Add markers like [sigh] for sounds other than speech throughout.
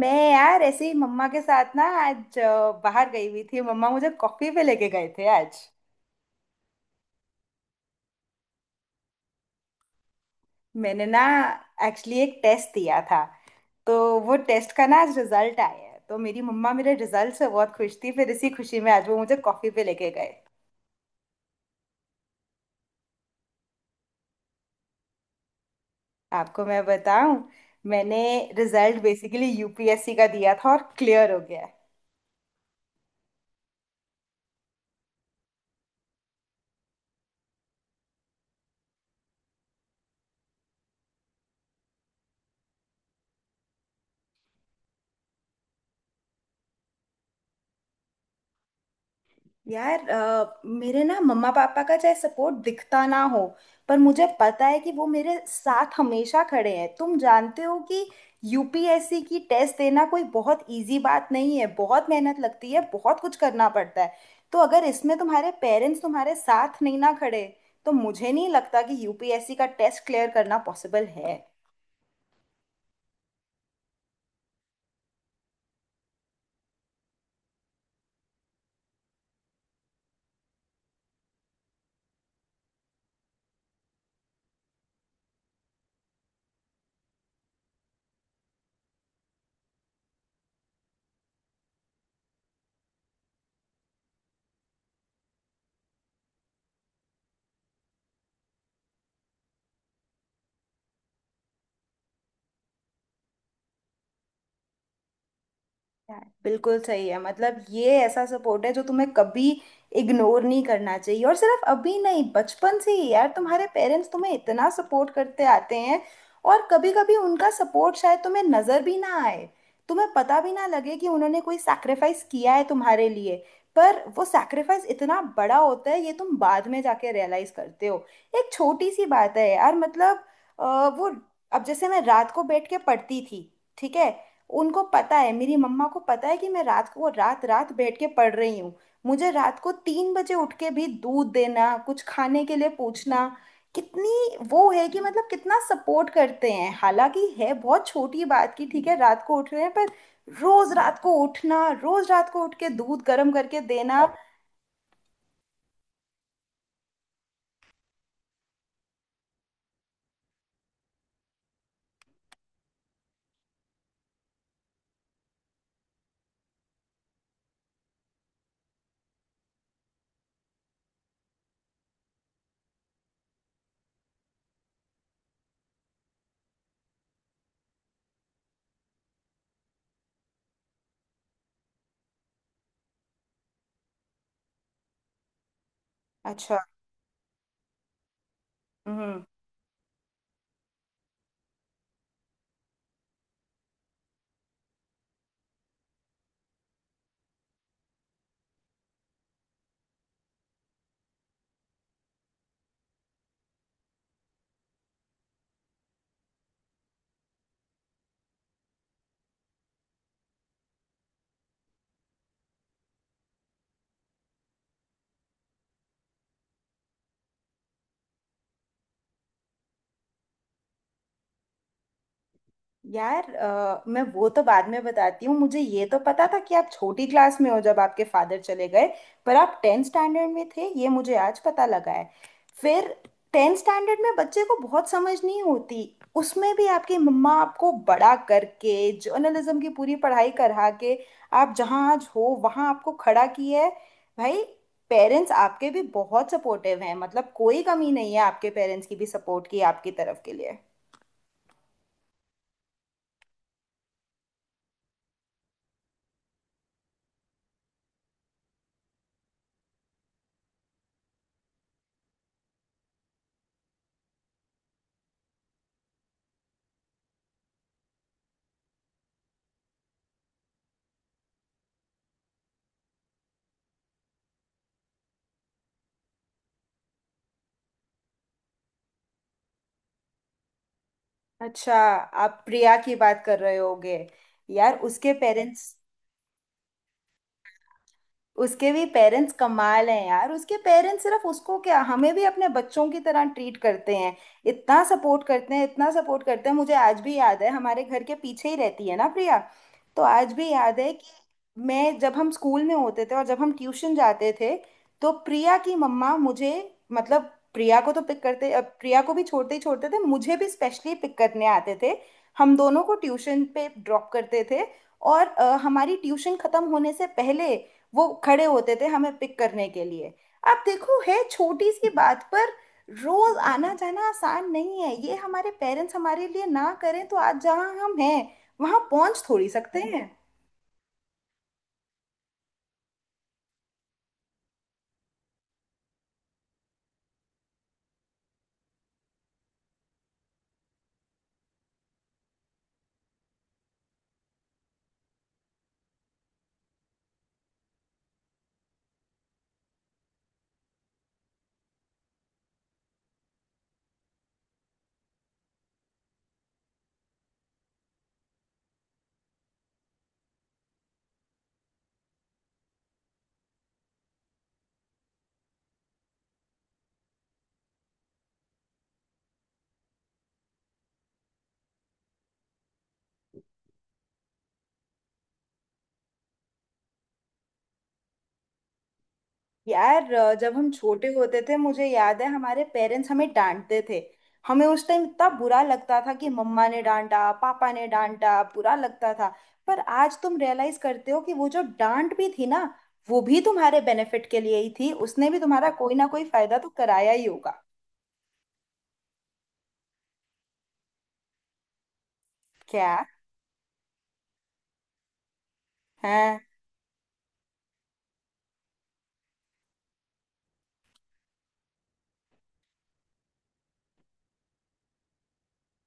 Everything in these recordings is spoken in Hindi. मैं यार ऐसे ही मम्मा के साथ ना आज बाहर गई हुई थी। मम्मा मुझे कॉफी पे लेके गए थे आज। मैंने ना एक्चुअली एक टेस्ट दिया था। तो वो टेस्ट का ना आज रिजल्ट आया है। तो मेरी मम्मा मेरे रिजल्ट से बहुत खुश थी। फिर इसी खुशी में आज वो मुझे कॉफी पे लेके गए। आपको मैं बताऊं, मैंने रिजल्ट बेसिकली यूपीएससी का दिया था और क्लियर हो गया है। यार मेरे ना मम्मा पापा का चाहे सपोर्ट दिखता ना हो, पर मुझे पता है कि वो मेरे साथ हमेशा खड़े हैं। तुम जानते हो कि यूपीएससी की टेस्ट देना कोई बहुत इजी बात नहीं है। बहुत मेहनत लगती है, बहुत कुछ करना पड़ता है। तो अगर इसमें तुम्हारे पेरेंट्स तुम्हारे साथ नहीं ना खड़े, तो मुझे नहीं लगता कि यूपीएससी का टेस्ट क्लियर करना पॉसिबल है। है। बिल्कुल सही है। मतलब ये ऐसा सपोर्ट है जो तुम्हें कभी इग्नोर नहीं करना चाहिए। और सिर्फ अभी नहीं, बचपन से ही यार तुम्हारे पेरेंट्स तुम्हें इतना सपोर्ट करते आते हैं। और कभी कभी उनका सपोर्ट शायद तुम्हें नजर भी ना आए, तुम्हें पता भी ना लगे कि उन्होंने कोई सैक्रिफाइस किया है तुम्हारे लिए। पर वो सैक्रिफाइस इतना बड़ा होता है, ये तुम बाद में जाके रियलाइज करते हो। एक छोटी सी बात है यार, मतलब अ, वो, अब जैसे मैं रात को बैठ के पढ़ती थी, ठीक है। उनको पता है, मेरी मम्मा को पता है कि मैं रात को रात रात बैठ के पढ़ रही हूँ। मुझे रात को 3 बजे उठ के भी दूध देना, कुछ खाने के लिए पूछना। कितनी वो है कि, मतलब, कितना सपोर्ट करते हैं। हालांकि है बहुत छोटी बात की, ठीक है, रात को उठ रहे हैं, पर। रोज रात को उठना, रोज रात को उठ के दूध गर्म करके देना। अच्छा। हम्म। यार मैं वो तो बाद में बताती हूँ। मुझे ये तो पता था कि आप छोटी क्लास में हो जब आपके फादर चले गए। पर आप टेंथ स्टैंडर्ड में थे, ये मुझे आज पता लगा है। फिर, टेंथ स्टैंडर्ड में बच्चे को बहुत समझ नहीं होती। उसमें भी आपकी मम्मा आपको बड़ा करके, जर्नलिज्म की पूरी पढ़ाई करा के, आप जहाँ आज हो वहाँ आपको खड़ा किया है। भाई, पेरेंट्स आपके भी बहुत सपोर्टिव हैं। मतलब कोई कमी नहीं है आपके पेरेंट्स की भी सपोर्ट की, आपकी तरफ के लिए। अच्छा, आप प्रिया की बात कर रहे होगे। यार उसके भी पेरेंट्स कमाल हैं। यार उसके पेरेंट्स सिर्फ उसको क्या, हमें भी अपने बच्चों की तरह ट्रीट करते हैं। इतना सपोर्ट करते हैं, इतना सपोर्ट करते हैं। मुझे आज भी याद है, हमारे घर के पीछे ही रहती है ना प्रिया। तो आज भी याद है कि मैं जब हम स्कूल में होते थे, और जब हम ट्यूशन जाते थे, तो प्रिया की मम्मा मुझे, मतलब प्रिया को तो पिक करते, प्रिया को भी छोड़ते ही छोड़ते थे, मुझे भी स्पेशली पिक करने आते थे। हम दोनों को ट्यूशन पे ड्रॉप करते थे। और हमारी ट्यूशन खत्म होने से पहले वो खड़े होते थे हमें पिक करने के लिए। आप देखो, है छोटी सी बात, पर रोज आना जाना आसान नहीं है। ये हमारे पेरेंट्स हमारे लिए ना करें, तो आज जहाँ हम हैं वहां पहुंच थोड़ी सकते हैं। यार जब हम छोटे होते थे, मुझे याद है हमारे पेरेंट्स हमें डांटते थे। हमें उस टाइम इतना बुरा लगता था कि मम्मा ने डांटा, पापा ने डांटा, बुरा लगता था। पर आज तुम रियलाइज करते हो कि वो जो डांट भी थी ना, वो भी तुम्हारे बेनिफिट के लिए ही थी। उसने भी तुम्हारा कोई ना कोई फायदा तो कराया ही होगा। क्या? है।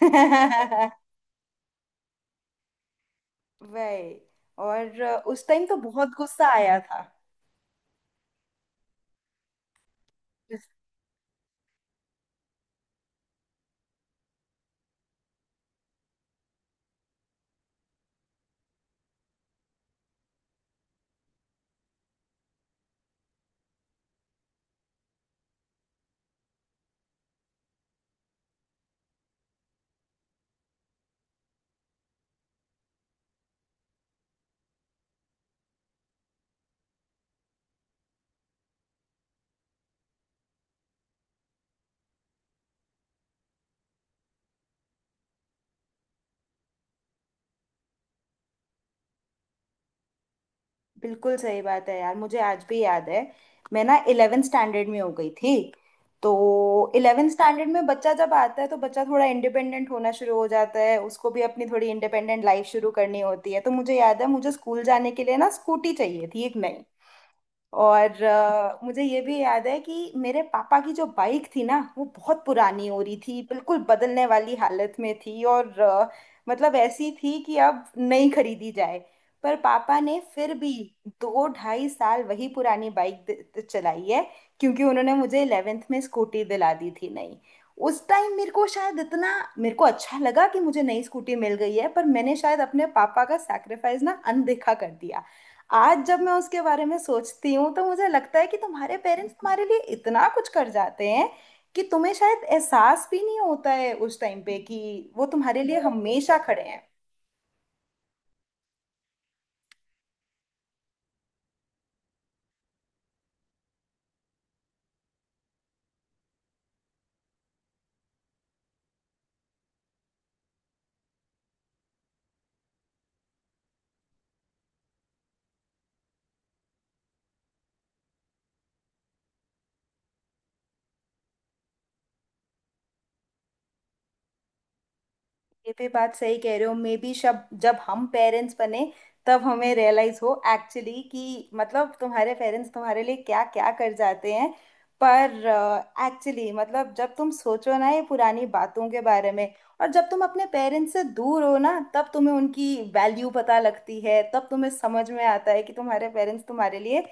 [laughs] वही। और उस टाइम तो बहुत गुस्सा आया था। बिल्कुल सही बात है यार। मुझे आज भी याद है, मैं ना इलेवेंथ स्टैंडर्ड में हो गई थी। तो इलेवेंथ स्टैंडर्ड में बच्चा जब आता है, तो बच्चा थोड़ा इंडिपेंडेंट होना शुरू हो जाता है। उसको भी अपनी थोड़ी इंडिपेंडेंट लाइफ शुरू करनी होती है। तो मुझे याद है, मुझे स्कूल जाने के लिए ना स्कूटी चाहिए थी, एक नई। और मुझे ये भी याद है कि मेरे पापा की जो बाइक थी ना, वो बहुत पुरानी हो रही थी, बिल्कुल बदलने वाली हालत में थी। और मतलब ऐसी थी कि अब नहीं खरीदी जाए। पर पापा ने फिर भी दो ढाई साल वही पुरानी बाइक चलाई है। क्योंकि उन्होंने मुझे 11th में स्कूटी दिला दी थी, नई। उस टाइम मेरे को अच्छा लगा कि मुझे नई स्कूटी मिल गई है। पर मैंने शायद अपने पापा का सैक्रिफाइस ना अनदेखा कर दिया। आज जब मैं उसके बारे में सोचती हूँ, तो मुझे लगता है कि तुम्हारे पेरेंट्स तुम्हारे लिए इतना कुछ कर जाते हैं, कि तुम्हें शायद एहसास भी नहीं होता है उस टाइम पे कि वो तुम्हारे लिए हमेशा खड़े हैं। ये भी बात सही कह रहे हो। मे बी शब जब हम पेरेंट्स बने, तब हमें रियलाइज हो एक्चुअली कि, मतलब, तुम्हारे पेरेंट्स तुम्हारे लिए क्या क्या कर जाते हैं। पर एक्चुअली मतलब, जब तुम सोचो ना ये पुरानी बातों के बारे में, और जब तुम अपने पेरेंट्स से दूर हो ना, तब तुम्हें उनकी वैल्यू पता लगती है। तब तुम्हें समझ में आता है कि तुम्हारे पेरेंट्स तुम्हारे लिए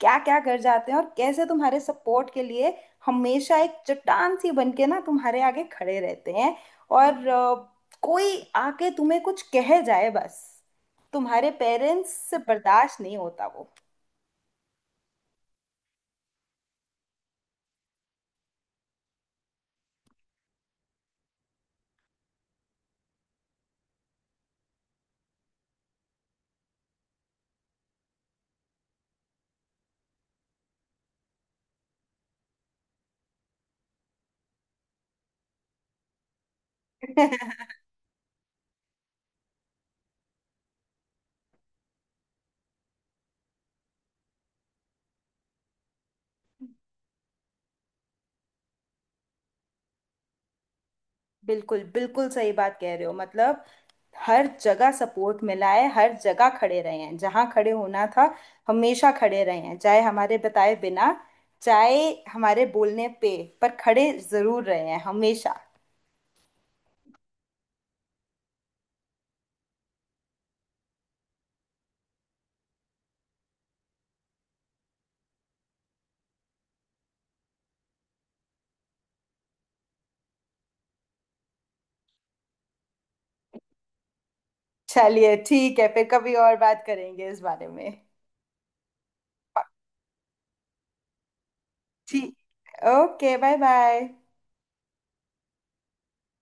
क्या क्या कर जाते हैं, और कैसे तुम्हारे सपोर्ट के लिए हमेशा एक चट्टान सी बन के ना तुम्हारे आगे खड़े रहते हैं। और कोई आके तुम्हें कुछ कह जाए, बस तुम्हारे पेरेंट्स से बर्दाश्त नहीं होता वो। बिल्कुल, बिल्कुल सही बात कह रहे हो, मतलब, हर जगह सपोर्ट मिला है, हर जगह खड़े रहे हैं जहाँ खड़े होना था। हमेशा खड़े रहे हैं, चाहे हमारे बताए बिना, चाहे हमारे बोलने पे, पर खड़े जरूर रहे हैं हमेशा। चलिए ठीक है, फिर कभी और बात करेंगे इस बारे में। ठीक। Okay, bye bye.